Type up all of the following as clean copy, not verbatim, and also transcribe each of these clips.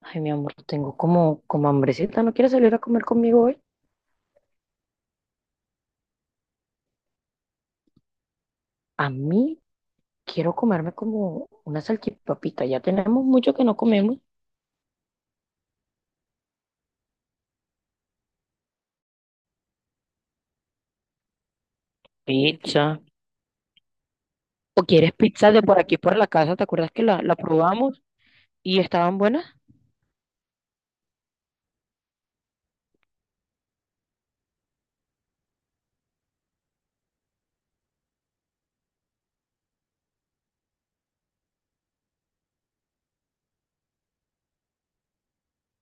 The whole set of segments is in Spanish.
Ay, mi amor, tengo como hambrecita. ¿No quieres salir a comer conmigo hoy? A mí quiero comerme como una salchipapita. Ya tenemos mucho que no comemos. Pizza. ¿O quieres pizza de por aquí, por la casa? ¿Te acuerdas que la probamos y estaban buenas?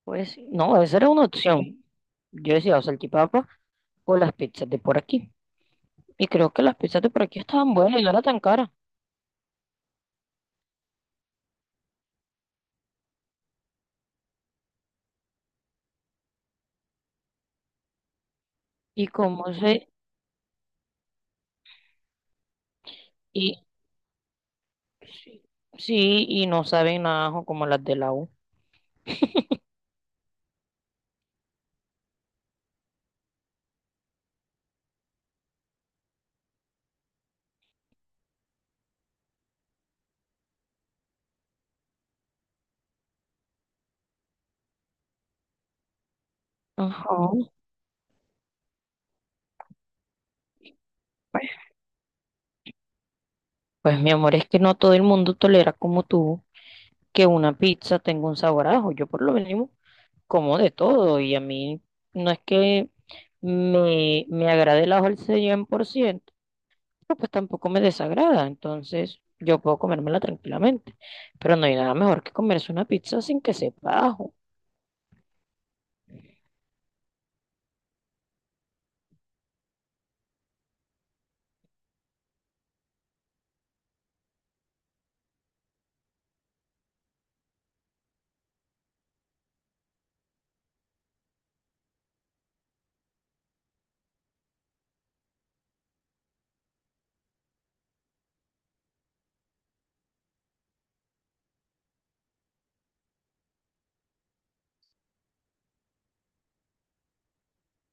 Pues no, esa era una opción. Yo decía o salchipapa o las pizzas de por aquí. Y creo que las pizzas de por aquí estaban buenas y no eran tan caras. Y como se... Y sí, sí, y no saben nada ajo como las de la U. Ajá. Pues mi amor, es que no todo el mundo tolera como tú que una pizza tenga un sabor a ajo. Yo por lo menos como de todo y a mí no es que me agrade el ajo al 100%, pero pues tampoco me desagrada. Entonces yo puedo comérmela tranquilamente. Pero no hay nada mejor que comerse una pizza sin que sepa ajo.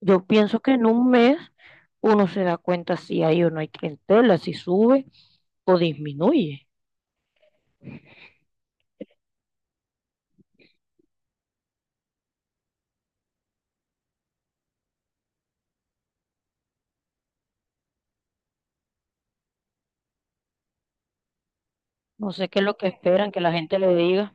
Yo pienso que en un mes uno se da cuenta si hay o no hay clientela, si sube o disminuye. No sé qué es lo que esperan que la gente le diga.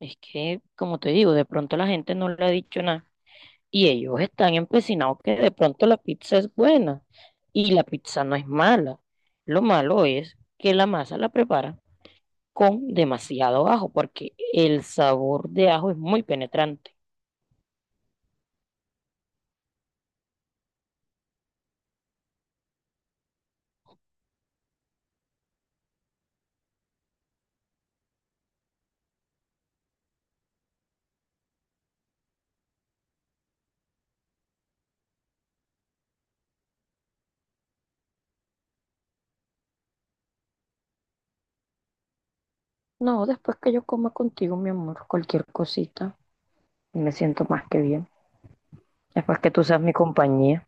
Es que, como te digo, de pronto la gente no le ha dicho nada y ellos están empecinados que de pronto la pizza es buena y la pizza no es mala. Lo malo es que la masa la preparan con demasiado ajo porque el sabor de ajo es muy penetrante. No, después que yo coma contigo, mi amor, cualquier cosita, me siento más que bien. Después que tú seas mi compañía,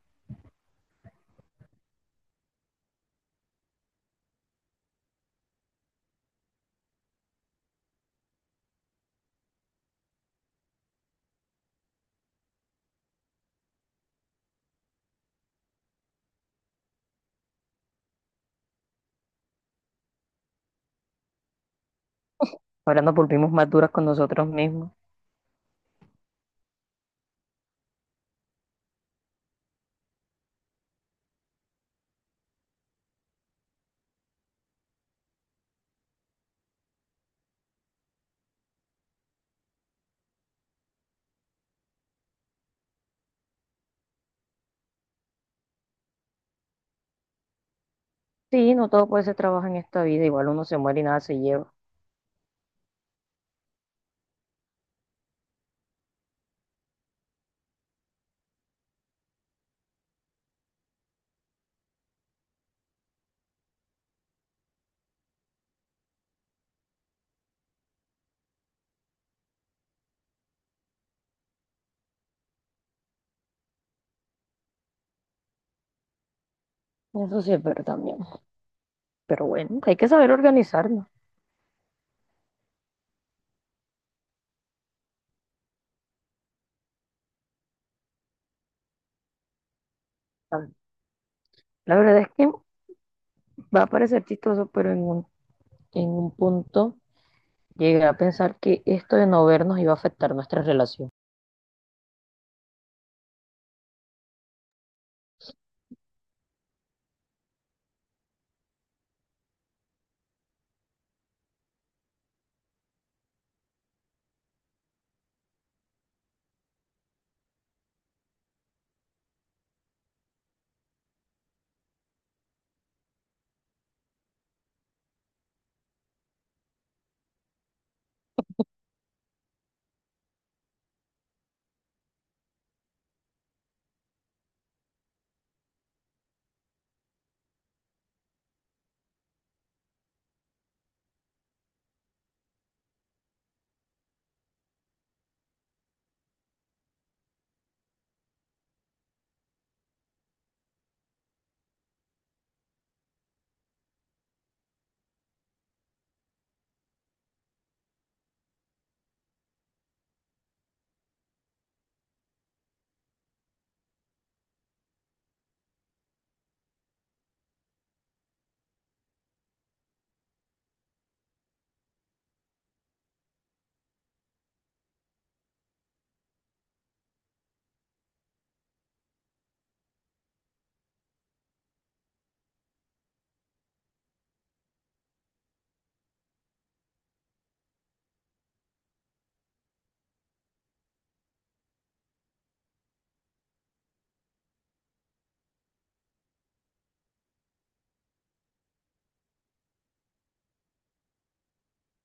ahora nos volvimos más duras con nosotros mismos. Sí, no todo puede ser trabajo en esta vida, igual uno se muere y nada se lleva. Eso sí es verdad, mi amor. Pero bueno, hay que saber organizarnos. La verdad es que va a parecer chistoso, pero en un punto llegué a pensar que esto de no vernos iba a afectar nuestra relación.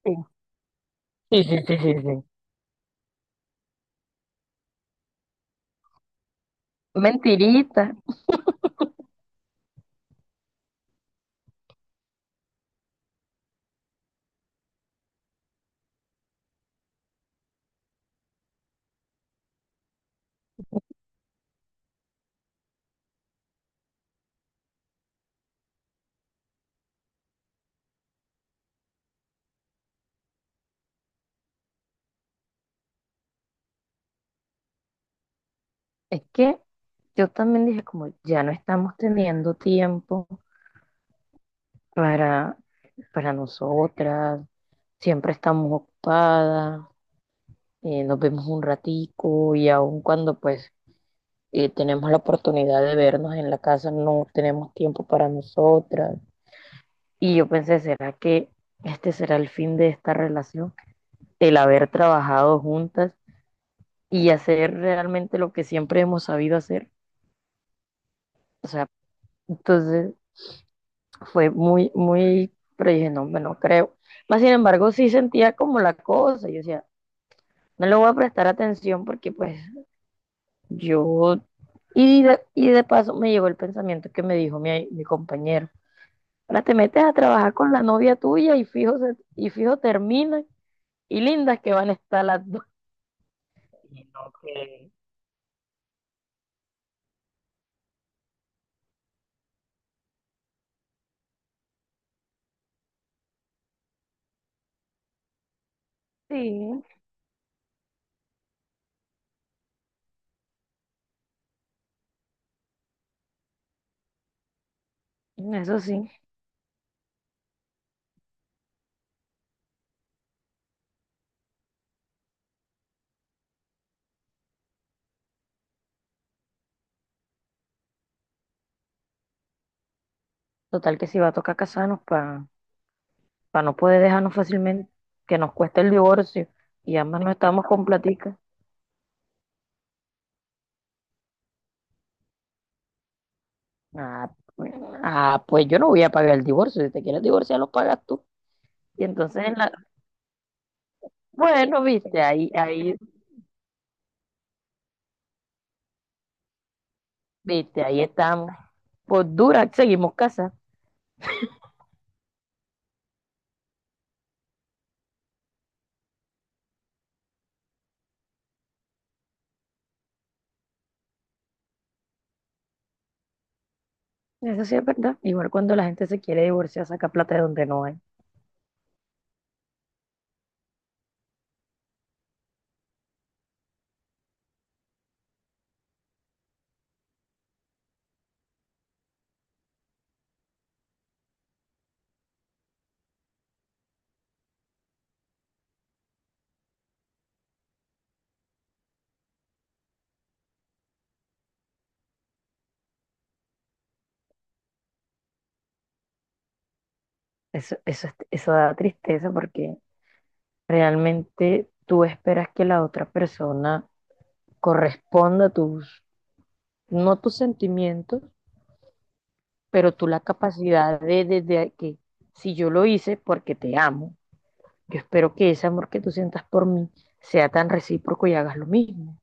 Sí. Sí, sí, sí, sí, sí. Mentirita. Es que yo también dije como ya no estamos teniendo tiempo para, para nosotras, siempre estamos ocupadas, nos vemos un ratico y aun cuando pues tenemos la oportunidad de vernos en la casa, no tenemos tiempo para nosotras. Y yo pensé, ¿será que este será el fin de esta relación? El haber trabajado juntas y hacer realmente lo que siempre hemos sabido hacer. O sea, entonces fue muy, muy, pero dije, no, no creo. Más sin embargo, sí sentía como la cosa. Yo decía, no le voy a prestar atención porque pues yo... Y de paso me llegó el pensamiento que me dijo mi compañero. Ahora te metes a trabajar con la novia tuya y fijo, fijo terminan y lindas que van a estar las dos. Y no que- Sí, eso sí. Total que si va a tocar casarnos para no poder dejarnos fácilmente, que nos cueste el divorcio y ambas no estamos con platica. Ah, pues, ah, pues yo no voy a pagar el divorcio, si te quieres divorciar lo pagas tú. Y entonces, en la... bueno, viste, viste, ahí estamos. Por dura, seguimos casados. Eso sí es verdad. Igual cuando la gente se quiere divorciar, saca plata de donde no hay. Eso da tristeza porque realmente tú esperas que la otra persona corresponda a tus, no tus sentimientos, pero tú la capacidad de, de que si yo lo hice porque te amo, yo espero que ese amor que tú sientas por mí sea tan recíproco y hagas lo mismo.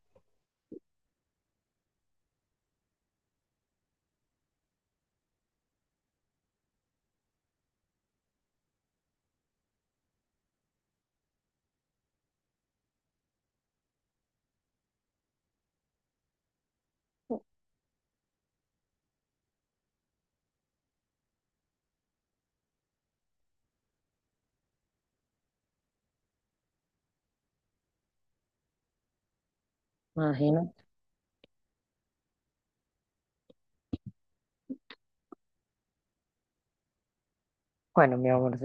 Imagino. Bueno, mi amor,